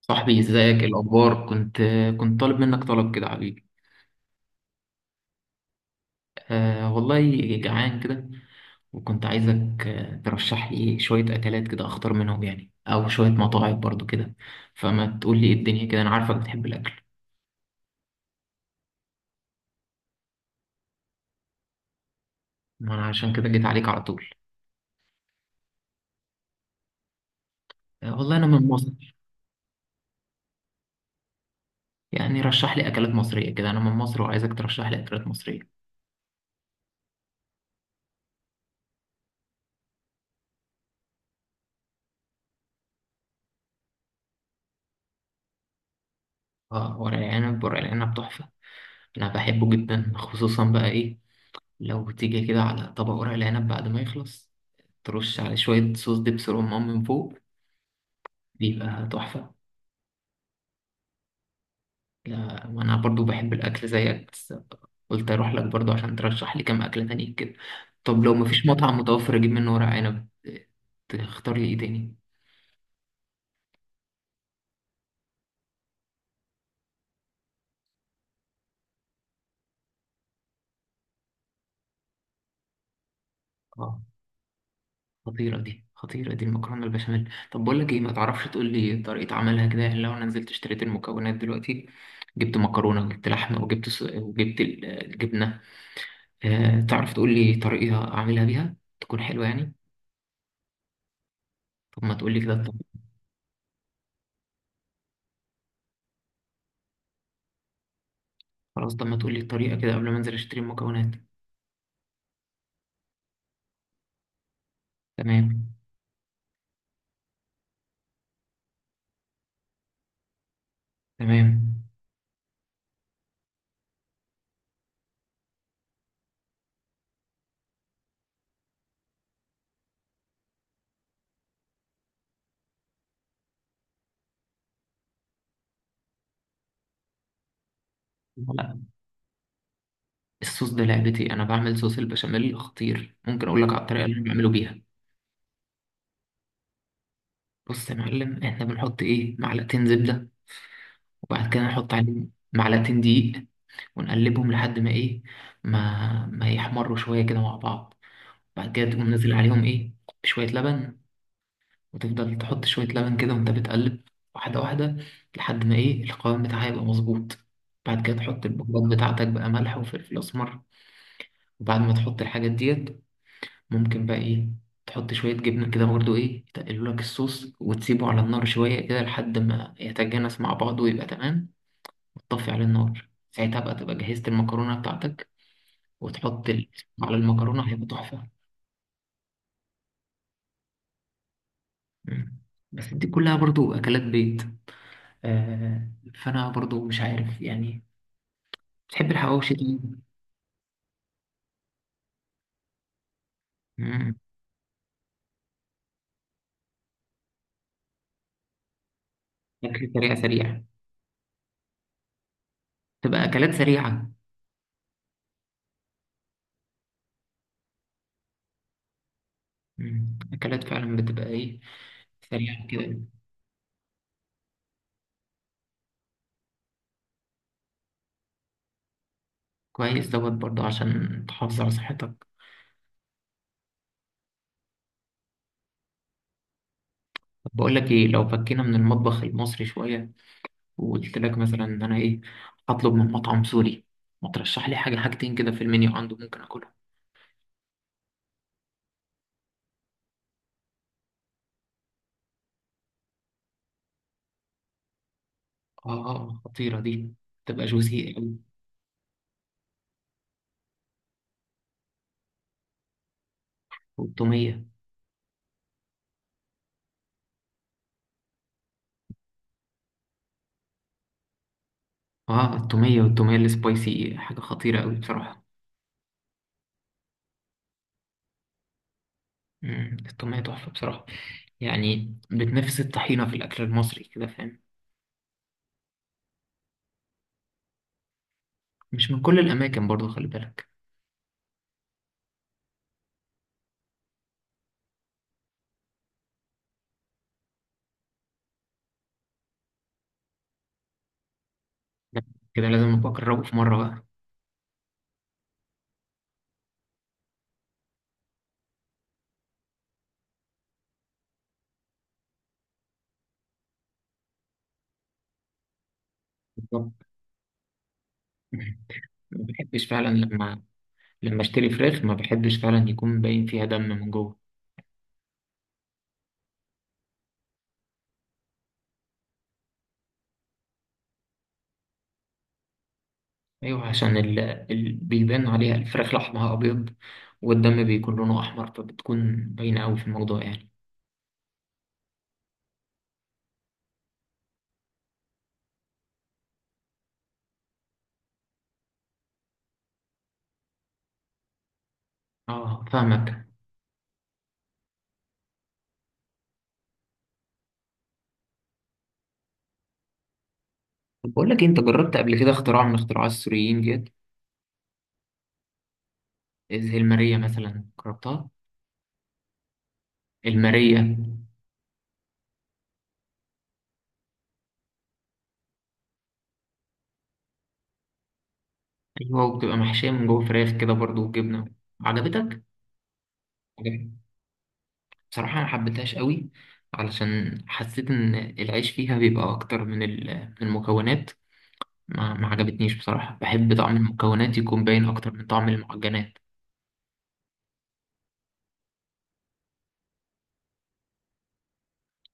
صاحبي ازيك؟ ايه الاخبار؟ كنت طالب منك طلب كده يا حبيبي. آه والله، جعان كده، وكنت عايزك ترشح لي شويه اكلات كده اختار منهم، يعني او شويه مطاعم برضو كده، فما تقول لي ايه الدنيا كده؟ انا عارفك بتحب الاكل. ما انا عشان كده جيت عليك على طول. آه والله انا من مصر. يعني رشح لي اكلات مصريه كده، انا من مصر وعايزك ترشح لي اكلات مصريه. اه، ورق العنب، ورق العنب تحفه، انا بحبه جدا. خصوصا بقى ايه، لو تيجي كده على طبق ورق العنب بعد ما يخلص ترش عليه شوية صوص دبس رمان من فوق، بيبقى تحفة. لا، وأنا برضو بحب الأكل زيك، بس قلت أروح لك برضو عشان ترشح لي كام أكلة تانية كده. طب لو مفيش مطعم متوفر أجيب منه ورق عنب، تختار لي إيه تاني؟ آه، خطيرة دي، خطيرة دي المكرونة البشاميل. طب بقول لك إيه، ما تعرفش تقول لي طريقة عملها كده؟ يعني لو أنا نزلت اشتريت المكونات دلوقتي، جبت مكرونة وجبت لحمة وجبت الجبنة، آه، تعرف تقول لي طريقة أعملها بيها تكون حلوة يعني؟ طب ما تقولي كده. خلاص، طب ما تقولي الطريقة كده قبل ما انزل اشتري المكونات. تمام. تمام. لا، الصوص ده لعبتي، انا بعمل صوص البشاميل خطير، ممكن اقول لك على الطريقة اللي انا بعمله بيها. بص يا معلم، احنا بنحط ايه، معلقتين زبدة، وبعد كده نحط عليهم معلقتين دقيق، ونقلبهم لحد ما ايه، ما يحمروا شوية كده مع بعض. بعد كده تقوم نازل عليهم ايه، شوية لبن، وتفضل تحط شوية لبن كده وأنت بتقلب، واحدة واحدة، لحد ما إيه، القوام بتاعها يبقى مظبوط. بعد كده تحط البهارات بتاعتك بقى، ملح وفلفل أسمر. وبعد ما تحط الحاجات ديت، ممكن بقى إيه، تحط شوية جبنة كده برضو، إيه، يتقلوا لك الصوص، وتسيبه على النار شوية كده لحد ما يتجانس مع بعضه ويبقى تمام. وتطفي على النار ساعتها بقى، تبقى جهزت المكرونة بتاعتك وتحط على المكرونة، هيبقى تحفة. مم. بس دي كلها برضو أكلات بيت. آه، فأنا برضو مش عارف يعني، بتحب الحواوشي دي؟ مم. أكل سريع سريع، تبقى أكلات سريعة. مم. أكلات فعلا بتبقى إيه، سريعة كده. كويس دوت برضه عشان تحافظ على صحتك. طب بقول لك إيه، لو فكينا من المطبخ المصري شوية، وقلت لك مثلا إن أنا إيه، هطلب من مطعم سوري، ما ترشح لي حاجة حاجتين كده في المنيو عنده ممكن أكلهم؟ آه، آه، خطيرة دي، تبقى جوزي أوي. والتومية، آه، التومية والتومية السبايسي حاجة خطيرة أوي بصراحة. مم، الطعمية تحفة بصراحة، يعني بتنافس الطحينة في الأكل المصري كده، فاهم؟ مش من كل الأماكن برضو خلي بالك. لا، كده لازم أبقى أجربه في مرة بقى. بالظبط. ما بحبش فعلا لما، لما أشتري فراخ، ما بحبش فعلا يكون باين فيها دم من جوه. أيوه، عشان بيبان عليها الفراخ، لحمها أبيض والدم بيكون لونه أحمر، فبتكون باينة أوي في الموضوع يعني. أه فاهمك. طب بقول لك إيه، أنت جربت قبل كده اختراع من اختراعات السوريين ديت، زي المارية مثلا، جربتها؟ المارية. ايوه، وبتبقى محشيه من جوه فراخ كده برضو وجبنه. عجبتك؟ عجبتك. بصراحه ما حبيتهاش قوي، علشان حسيت ان العيش فيها بيبقى اكتر من من المكونات. ما عجبتنيش بصراحه، بحب طعم المكونات يكون باين اكتر من طعم المعجنات.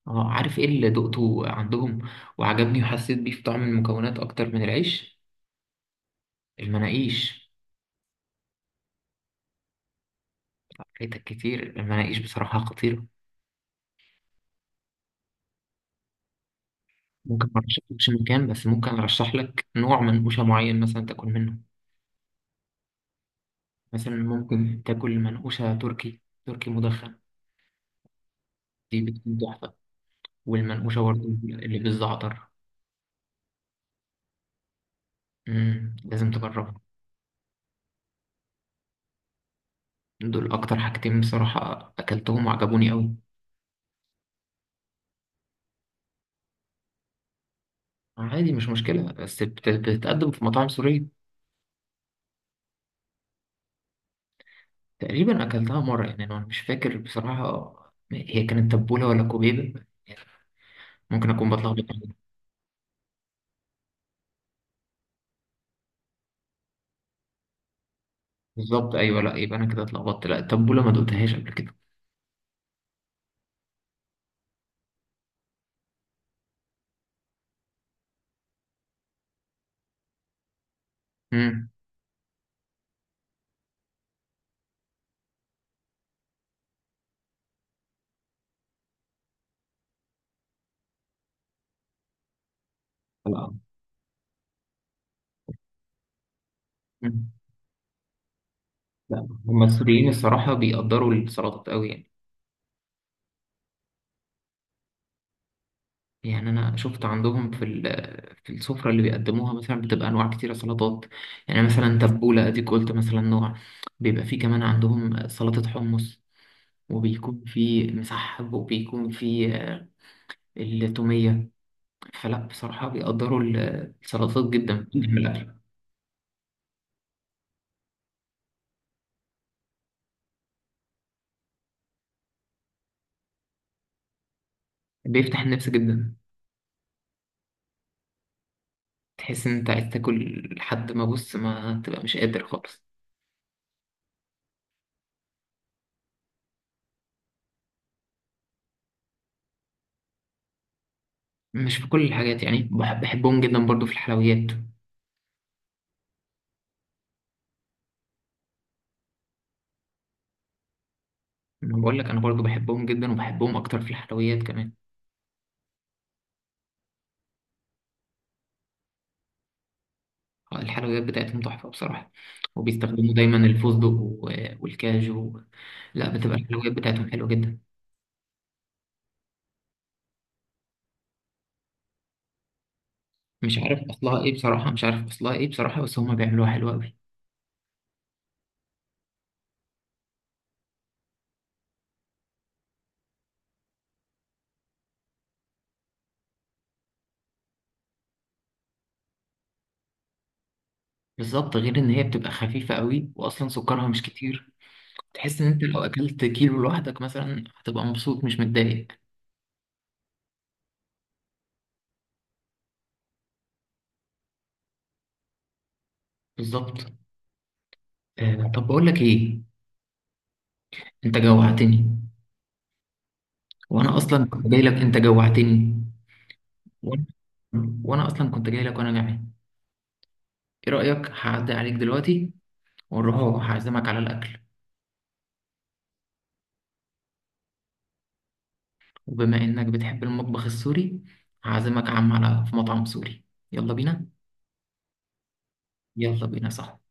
اه، عارف ايه اللي دقته عندهم وعجبني وحسيت بيه في طعم المكونات اكتر من العيش؟ المناقيش. فايتك كتير المناقيش، بصراحه خطيره. ممكن ما ارشحلكش مكان، بس ممكن ارشح لك نوع منقوشه معين مثلا تاكل منه. مثلا ممكن تاكل منقوشة تركي، تركي مدخن، دي بتكون تحفة. والمنقوشة برضه اللي بالزعتر. مم. لازم تجربها. دول أكتر حاجتين بصراحة أكلتهم وعجبوني أوي. عادي، مش مشكلة، بس بتتقدم في مطاعم سورية. تقريبا أكلتها مرة، يعني أنا مش فاكر بصراحة، هي كانت تبولة ولا كوبيبة؟ ممكن أكون بتلخبط. بالظبط أيوه، لا يبقى أنا كده اتلخبطت، لا التبولة ما دقتهاش قبل كده. مم. لا. مم. لا، هما السوريين الصراحة بيقدروا السلطات أوي يعني. يعني انا شفت عندهم في في السفره اللي بيقدموها مثلا، بتبقى انواع كتيره سلطات. يعني مثلا تبوله اديك قلت مثلا نوع، بيبقى فيه كمان عندهم سلطه حمص، وبيكون فيه مسحب، وبيكون فيه التوميه، فلا بصراحه بيقدروا السلطات جدا في الاكل. بيفتح النفس جدا. تحس ان انت عايز تاكل لحد ما بص، ما تبقى مش قادر خالص. مش في كل الحاجات يعني، بحبهم جدا برضو في الحلويات. ما بقول لك انا برضو بحبهم جدا، وبحبهم اكتر في الحلويات كمان. آه، الحلويات بتاعتهم تحفة بصراحة، وبيستخدموا دايما الفستق والكاجو. لا، بتبقى الحلويات بتاعتهم حلوة جدا. مش عارف أصلها إيه بصراحة، مش عارف أصلها إيه بصراحة، بس هما بيعملوها حلوة أوي. بالظبط، غير إن هي بتبقى خفيفة أوي وأصلا سكرها مش كتير. تحس إن أنت لو أكلت كيلو لوحدك مثلا هتبقى مبسوط مش متضايق. بالظبط. آه طب بقول لك إيه، أنت جوعتني، وأنا أصلا كنت جاي لك، أنت جوعتني. وأنا وأنا أصلا كنت جاي لك وأنا جعان. إيه رأيك هعدي عليك دلوقتي والربع، هعزمك على الأكل. وبما إنك بتحب المطبخ السوري، هعزمك يا عم على في مطعم سوري. يلا بينا. يلا بينا صح.